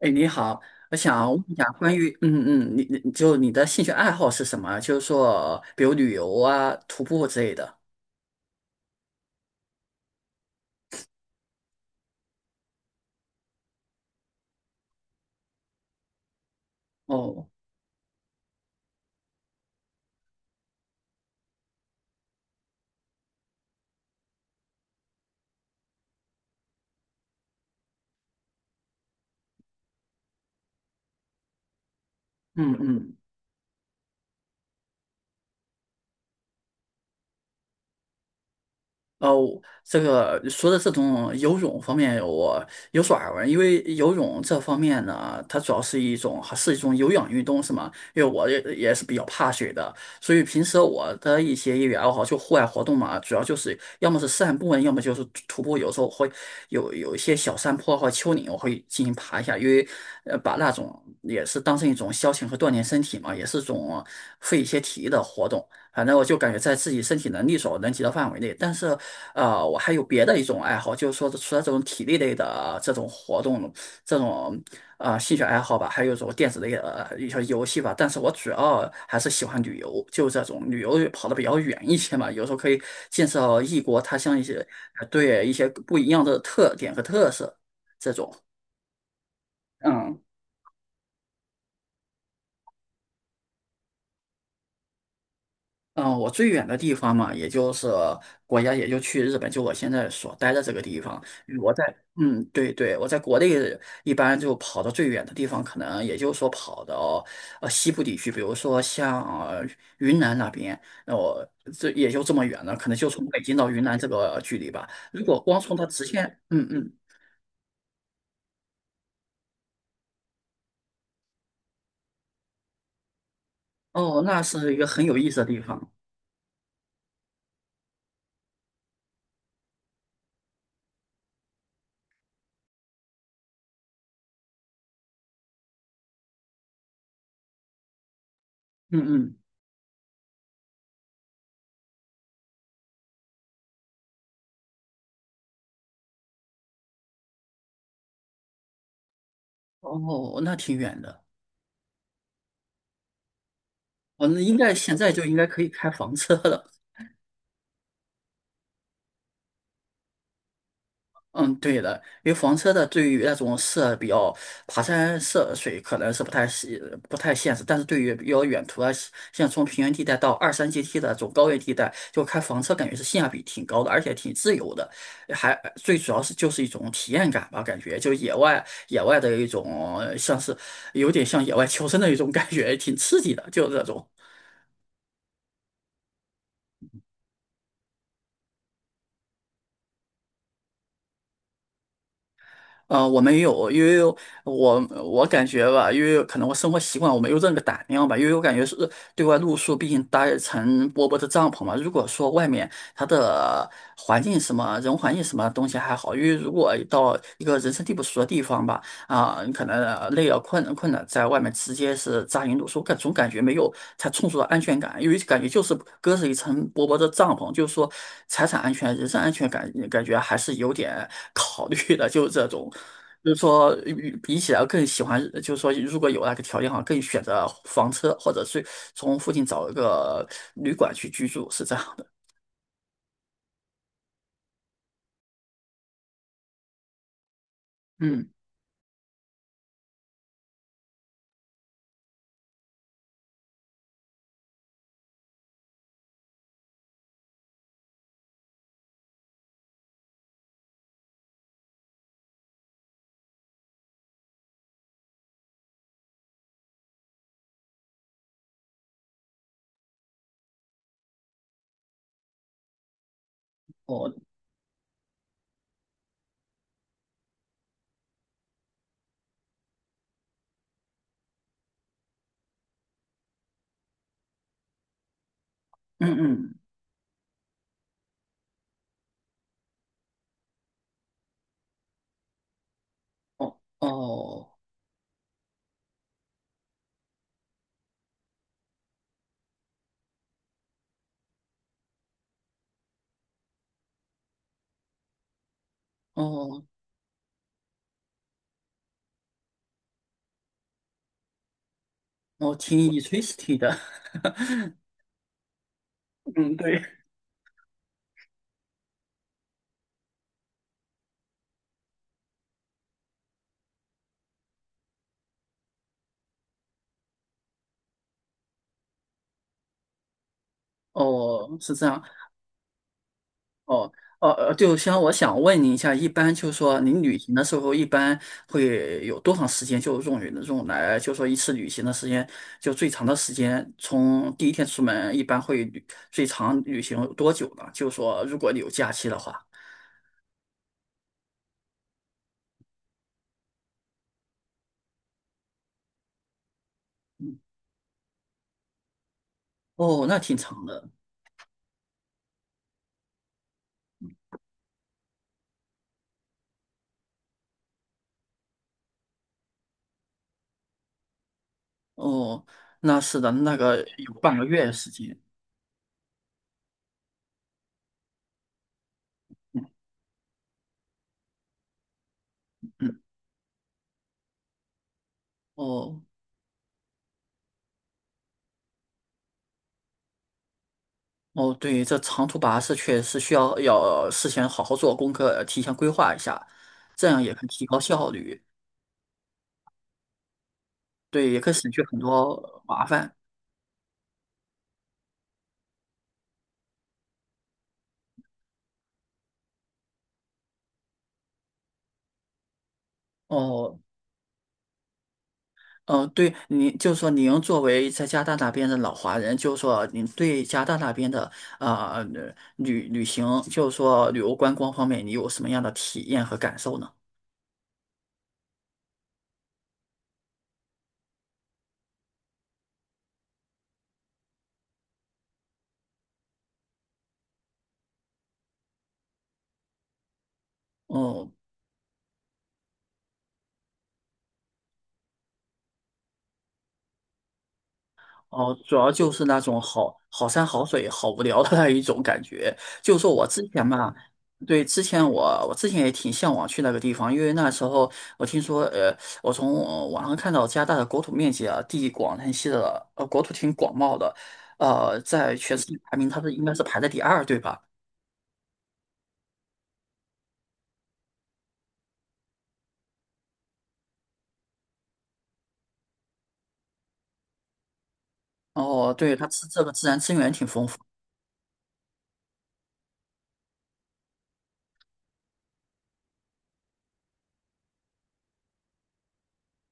哎，你好，我想问一下关于，你的兴趣爱好是什么？就是说，比如旅游啊、徒步之类的。哦，嗯嗯。哦，这个说的这种游泳方面，我有所耳闻。因为游泳这方面呢，它主要是一种还是一种有氧运动，是吗？因为我也是比较怕水的，所以平时我的一些业余爱好就户外活动嘛，主要就是要么是散步啊，要么就是徒步。有时候会有一些小山坡或丘陵，我会进行爬一下，因为把那种也是当成一种消遣和锻炼身体嘛，也是种费一些体力的活动。反正我就感觉在自己身体能力所能及的范围内，但是，我还有别的一种爱好，就是说除了这种体力类的这种活动，这种兴趣爱好吧，还有一种电子类的一些游戏吧。但是我主要还是喜欢旅游，就这种旅游跑的比较远一些嘛，有时候可以见识到异国他乡一些，对一些不一样的特点和特色这种。嗯。嗯，我最远的地方嘛，也就是国家，也就去日本，就我现在所待的这个地方。嗯我在，嗯，对对，我在国内一般就跑到最远的地方，可能也就是说跑到西部地区，比如说像呃云南那边，那我这也就这么远了，可能就从北京到云南这个距离吧。如果光从它直线，嗯嗯。哦，那是一个很有意思的地方。嗯嗯。哦，那挺远的。我那应该现在就应该可以开房车了。嗯，对的，因为房车的对于那种涉比较爬山涉水可能是不太现实，但是对于比较远途啊，像从平原地带到二三阶梯的这种高原地带，就开房车感觉是性价比挺高的，而且挺自由的，还最主要是就是一种体验感吧，感觉就野外野外的一种像是有点像野外求生的一种感觉，挺刺激的，就是这种。我没有，因为我感觉吧，因为可能我生活习惯，我没有这个胆量吧，因为我感觉是对外露宿，毕竟搭一层薄薄的帐篷嘛。如果说外面它的环境什么人环境什么东西还好，因为如果到一个人生地不熟的地方吧，啊，你可能累啊困了困了，在外面直接是扎营露宿，总感觉没有才充足的安全感，因为感觉就是隔着一层薄薄的帐篷，就是说财产安全、人身安全感感觉还是有点考虑的，就是这种。就是说，与比起来更喜欢，就是说，如果有那个条件哈，更选择房车，或者是从附近找一个旅馆去居住，是这样的。嗯。哦。嗯嗯。哦哦哦，我听你 twist 的。嗯，对。哦，是这样。哦，就像我想问您一下，一般就是说您旅行的时候，一般会有多长时间就用来，就说一次旅行的时间，就最长的时间，从第一天出门，一般会旅最长旅行有多久呢？就说如果你有假期的话，嗯。哦，那挺长的。哦，那是的，那个有半个月时间。嗯。哦。哦，对，这长途跋涉确实需要事先好好做功课，提前规划一下，这样也可以提高效率。对，也可以省去很多麻烦。哦，对，您就是说您作为在加拿大那边的老华人，就是说您对加拿大那边的啊旅行，就是说旅游观光方面，你有什么样的体验和感受呢？哦。哦，主要就是那种好山好水、好无聊的那一种感觉。就说我之前嘛，对，之前我之前也挺向往去那个地方，因为那时候我听说，我从网上看到加拿大的国土面积啊，地广人稀的，国土挺广袤的，在全世界排名它是应该是排在第二，对吧？哦，对，它是这个自然资源挺丰富。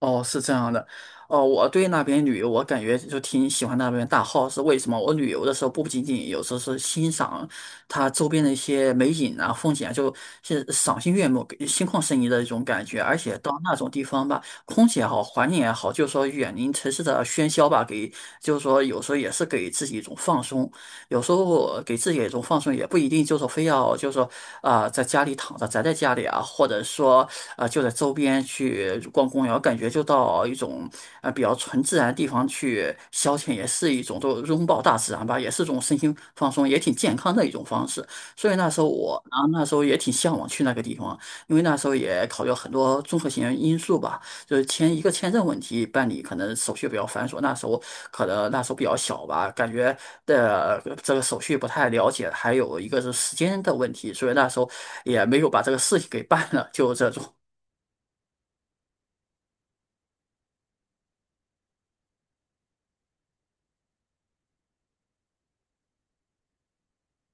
哦，是这样的。哦，我对那边旅游，我感觉就挺喜欢那边大 h 是为什么？我旅游的时候不仅仅有时候是欣赏它周边的一些美景啊、风景啊，就是赏心悦目、给心旷神怡的一种感觉。而且到那种地方吧，空气也好，环境也好，就是说远离城市的喧嚣吧，就是说有时候也是给自己一种放松。有时候给自己一种放松，也不一定就是说非要就是说啊、在家里躺着宅在家里啊，或者说啊、就在周边去逛公园，感觉就到一种啊比较纯自然的地方去消遣，也是一种都拥抱大自然吧，也是一种身心放松，也挺健康的一种方式。所以那时候我啊，那时候也挺向往去那个地方，因为那时候也考虑了很多综合性因素吧。就是签一个签证问题办理，可能手续比较繁琐。那时候比较小吧，感觉的这个手续不太了解，还有一个是时间的问题，所以那时候也没有把这个事情给办了，就这种。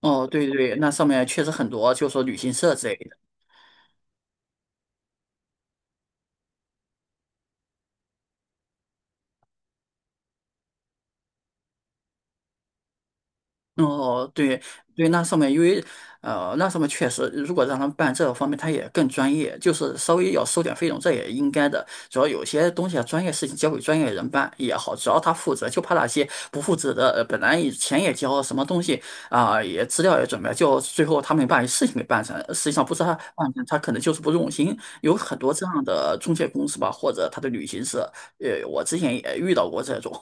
哦，对对，那上面确实很多，就是说旅行社之类的。哦，对对，那上面确实，如果让他们办这个方面，他也更专业，就是稍微要收点费用，这也应该的。主要有些东西啊，专业事情交给专业人办也好，只要他负责，就怕那些不负责的，本来以前也交了什么东西啊、也资料也准备了就最后他没把事情给办成，实际上不是他办成，他可能就是不用心。有很多这样的中介公司吧，或者他的旅行社，我之前也遇到过这种。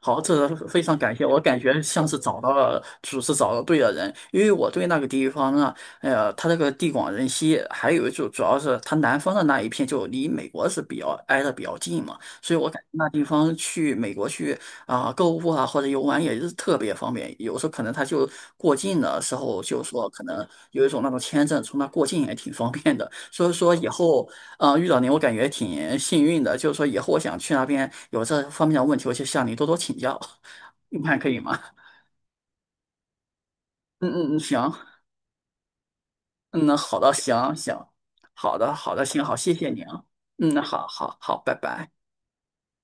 好，这非常感谢，我感觉像是找到了找到对的人，因为我对那个地方呢，它这个地广人稀，还有就主要是它南方的那一片就离美国是比较挨得比较近嘛，所以我感觉那地方去美国去啊、购物啊或者游玩也是特别方便，有时候可能它就过境的时候就说可能有一种那种签证从那过境也挺方便的，所以说以后遇到您我感觉挺幸运的，就是说以后我想去那边有这方面的问题，我就向您多多请教，你看可以吗？嗯嗯嗯，行，嗯，那好的，行行，好的好的，行好，谢谢您啊，嗯，好好好，拜拜。